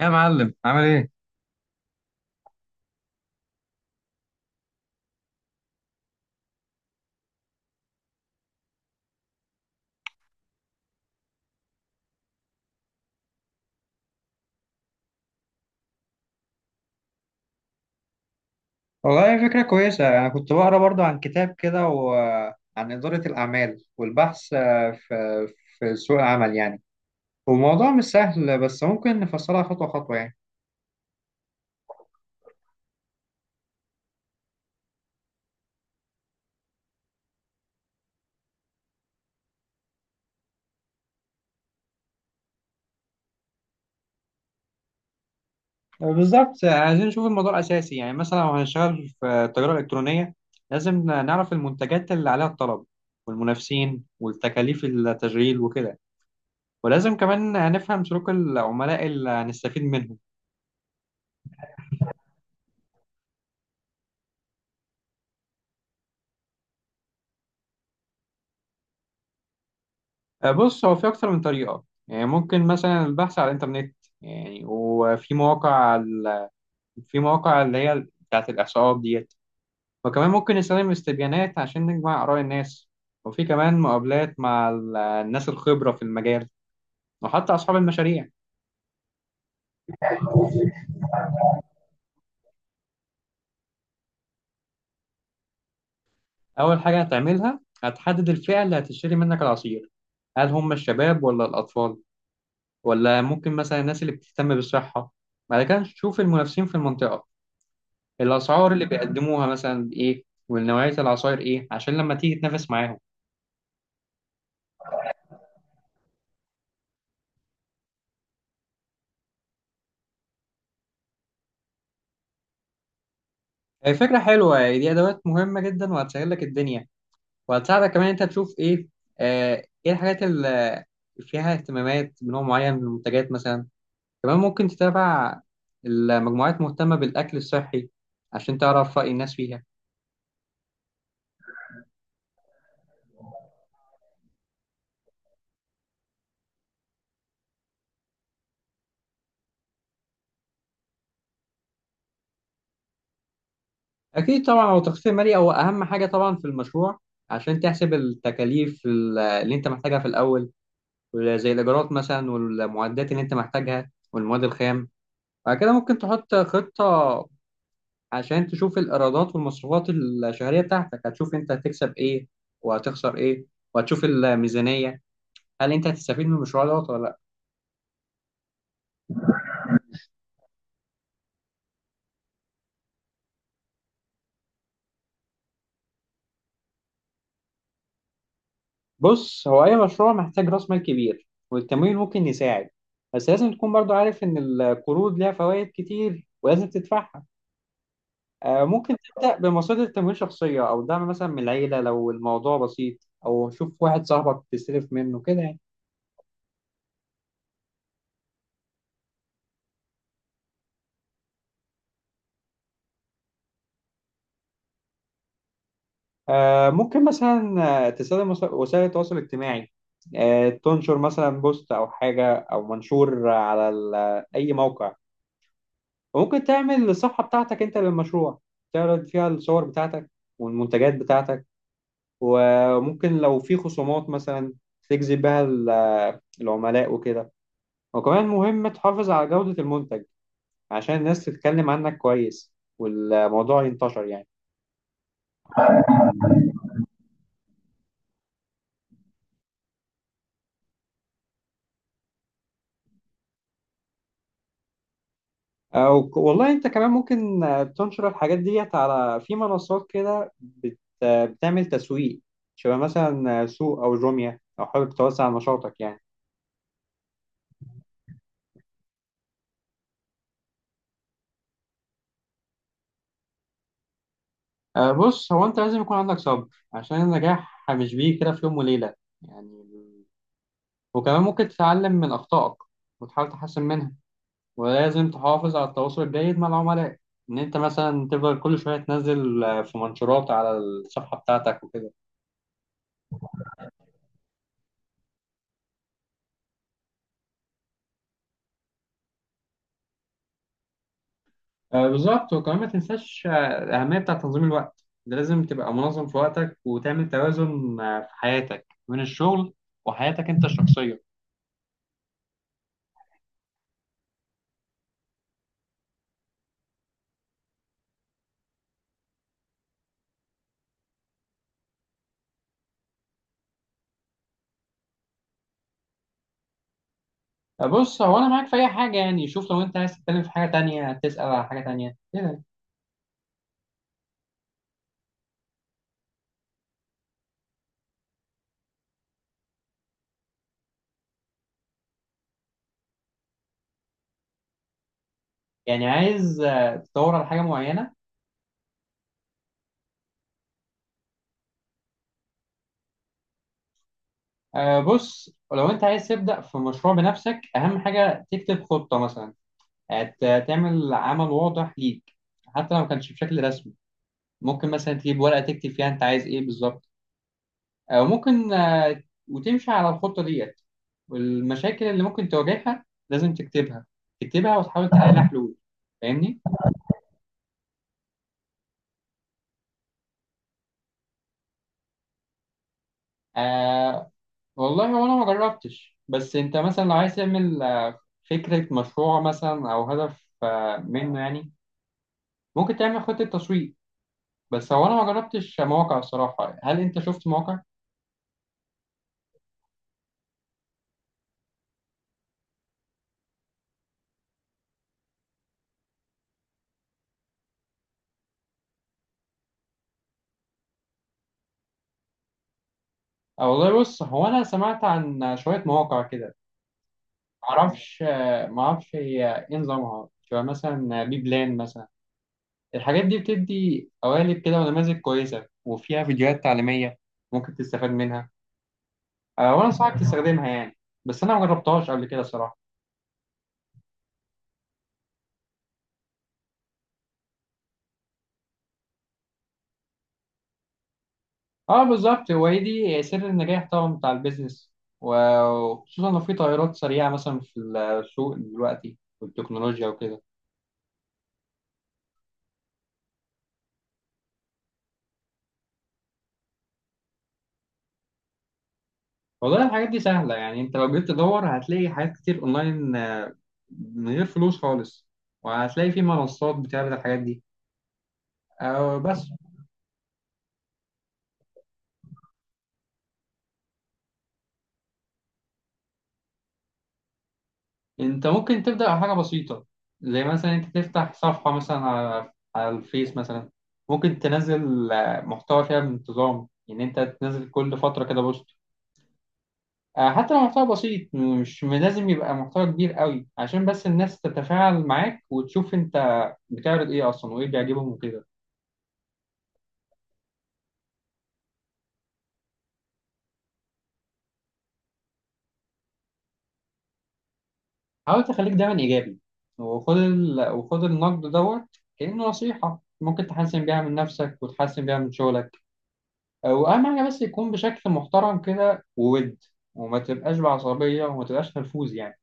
يا معلم عامل ايه؟ والله فكرة كويسة، أنا كنت بقرأ برضو عن كتاب كده وعن إدارة الأعمال والبحث في في سوق العمل يعني. والموضوع مش سهل بس ممكن نفصلها خطوة خطوة يعني. بالظبط، عايزين نشوف الموضوع الأساسي، يعني مثلا لو هنشتغل في التجارة الإلكترونية لازم نعرف المنتجات اللي عليها الطلب والمنافسين والتكاليف التشغيل وكده. ولازم كمان نفهم سلوك العملاء اللي هنستفيد منهم. بص، هو في أكتر من طريقة، يعني ممكن مثلا البحث على الإنترنت يعني. في مواقع اللي هي بتاعة الإحصاءات ديت. وكمان ممكن نستخدم استبيانات عشان نجمع آراء الناس. وفي كمان مقابلات مع الناس الخبرة في المجال، وحتى أصحاب المشاريع. أول حاجة هتعملها هتحدد الفئة اللي هتشتري منك العصير، هل هم الشباب ولا الأطفال، ولا ممكن مثلا الناس اللي بتهتم بالصحة. بعد كده تشوف المنافسين في المنطقة، الأسعار اللي بيقدموها مثلا إيه، والنوعية العصاير إيه، عشان لما تيجي تنافس معاهم. هي فكرة حلوة دي، أدوات مهمة جدا وهتسهل لك الدنيا، وهتساعدك كمان أنت تشوف إيه. آه، إيه الحاجات اللي فيها اهتمامات بنوع معين من المنتجات مثلا. كمان ممكن تتابع المجموعات مهتمة بالأكل الصحي عشان تعرف رأي الناس فيها. أكيد طبعا، هو التخفيض المالي هو أهم حاجة طبعا في المشروع، عشان تحسب التكاليف اللي أنت محتاجها في الأول، زي الإيجارات مثلا والمعدات اللي أنت محتاجها والمواد الخام. بعد كده ممكن تحط خطة عشان تشوف الإيرادات والمصروفات الشهرية بتاعتك، هتشوف أنت هتكسب إيه وهتخسر إيه، وهتشوف الميزانية، هل أنت هتستفيد من المشروع دوت ولا لأ. بص، هو أي مشروع محتاج رأس مال كبير، والتمويل ممكن يساعد، بس لازم تكون برضو عارف إن القروض ليها فوائد كتير ولازم تدفعها. ممكن تبدأ بمصادر تمويل شخصية أو دعم مثلا من العيلة لو الموضوع بسيط، أو شوف واحد صاحبك تستلف منه كده يعني. ممكن مثلا تستخدم وسائل التواصل الاجتماعي. تنشر مثلا بوست أو حاجة أو منشور على أي موقع. وممكن تعمل الصفحة بتاعتك أنت للمشروع، تعرض فيها الصور بتاعتك والمنتجات بتاعتك. وممكن لو في خصومات مثلا تجذب بها العملاء وكده. وكمان مهم تحافظ على جودة المنتج عشان الناس تتكلم عنك كويس والموضوع ينتشر يعني. والله أنت كمان ممكن تنشر الحاجات ديت على في منصات كده بت... آه، بتعمل تسويق شبه مثلا سوق أو جوميا لو حابب توسع نشاطك يعني. بص، هو أنت لازم يكون عندك صبر، عشان النجاح مش بيجي كده في يوم وليلة يعني. وكمان ممكن تتعلم من أخطائك وتحاول تحسن منها. ولازم تحافظ على التواصل الجيد مع العملاء، ان انت مثلا تفضل كل شويه تنزل في منشورات على الصفحه بتاعتك وكده. بالظبط، وكمان ما تنساش الاهميه بتاع تنظيم الوقت ده، لازم تبقى منظم في وقتك وتعمل توازن في حياتك بين الشغل وحياتك انت الشخصيه. بص، هو انا معاك في اي حاجه يعني، شوف لو انت عايز تتكلم في حاجه تانية تسال على حاجه تانية كده. يعني عايز تدور على حاجه معينه. بص، لو انت عايز تبدا في مشروع بنفسك، اهم حاجه تكتب خطه مثلا. هت- تعمل عمل واضح ليك، حتى لو ما كانش بشكل رسمي. ممكن مثلا تجيب ورقة تكتب فيها انت عايز ايه بالظبط، او ممكن وتمشي على الخطة ديت. والمشاكل اللي ممكن تواجهها لازم تكتبها، تكتبها وتحاول تحل حلول. فاهمني. آه، والله هو انا ما جربتش، بس انت مثلا لو عايز تعمل فكرة مشروع مثلا او هدف منه يعني، ممكن تعمل خطة تسويق. بس هو انا ما جربتش مواقع الصراحة، هل انت شفت مواقع؟ أه، والله بص، هو أنا سمعت عن شوية مواقع كده. معرفش معرفش هي إيه نظامها، شبه مثلا بي بلان مثلا. الحاجات دي بتدي قوالب كده ونماذج كويسة وفيها فيديوهات تعليمية، ممكن تستفاد منها. أه، وأنا أنصحك تستخدمها يعني. بس أنا مجربتهاش قبل كده صراحة. أه بالظبط، وهي دي سر النجاح طبعا بتاع البيزنس، و- وخصوصا لو في تغيرات سريعة مثلا في السوق دلوقتي والتكنولوجيا وكده. والله الحاجات دي سهلة يعني، انت لو جيت تدور هتلاقي حاجات كتير اونلاين من غير فلوس خالص. وهتلاقي في منصات بتعرض الحاجات دي أو بس. انت ممكن تبدأ بحاجة بسيطة، زي مثلا انت تفتح صفحة مثلا على على الفيس مثلا. ممكن تنزل محتوى فيها بانتظام، ان انت تنزل كل فترة كده بوست. حتى لو محتوى بسيط مش لازم يبقى محتوى كبير قوي، عشان بس الناس تتفاعل معاك وتشوف انت بتعرض ايه اصلا وايه بيعجبهم وكده. حاول تخليك دايما إيجابي، وخد النقد دوت كأنه نصيحة ممكن تحسن بيها من نفسك وتحسن بيها من شغلك. وأهم حاجة بس يكون بشكل محترم كده وود، وما تبقاش بعصبية وما تبقاش نرفوز يعني.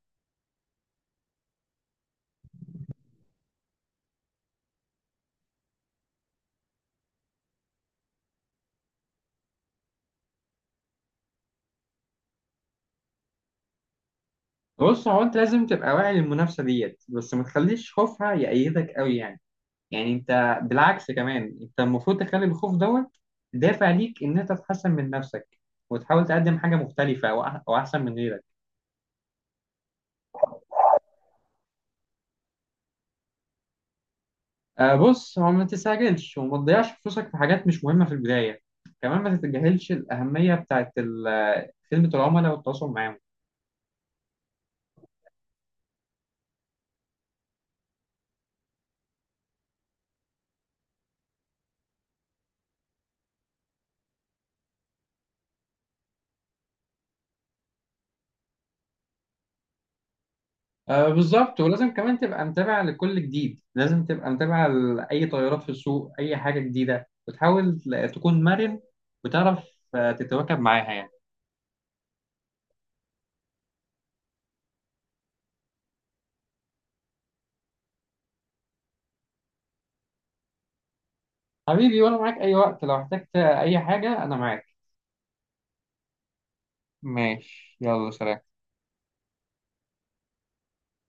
بص، هو أنت لازم تبقى واعي للمنافسة ديت، بس ما تخليش خوفها يأيدك أوي يعني. يعني أنت بالعكس، كمان أنت المفروض تخلي الخوف دوت دافع ليك إن أنت تحسن من نفسك، وتحاول تقدم حاجة مختلفة وأحسن من غيرك. آه بص، هو ما تستعجلش وما تضيعش فلوسك في حاجات مش مهمة في البداية. كمان ما تتجاهلش الأهمية بتاعت خدمة العملاء والتواصل معاهم. آه بالظبط، ولازم كمان تبقى متابع لكل جديد، لازم تبقى متابع لأي تغيرات في السوق أي حاجة جديدة، وتحاول تكون مرن وتعرف تتواكب معاها يعني. حبيبي، وأنا معاك أي وقت، لو احتجت أي حاجة أنا معاك. ماشي، يلا سلام.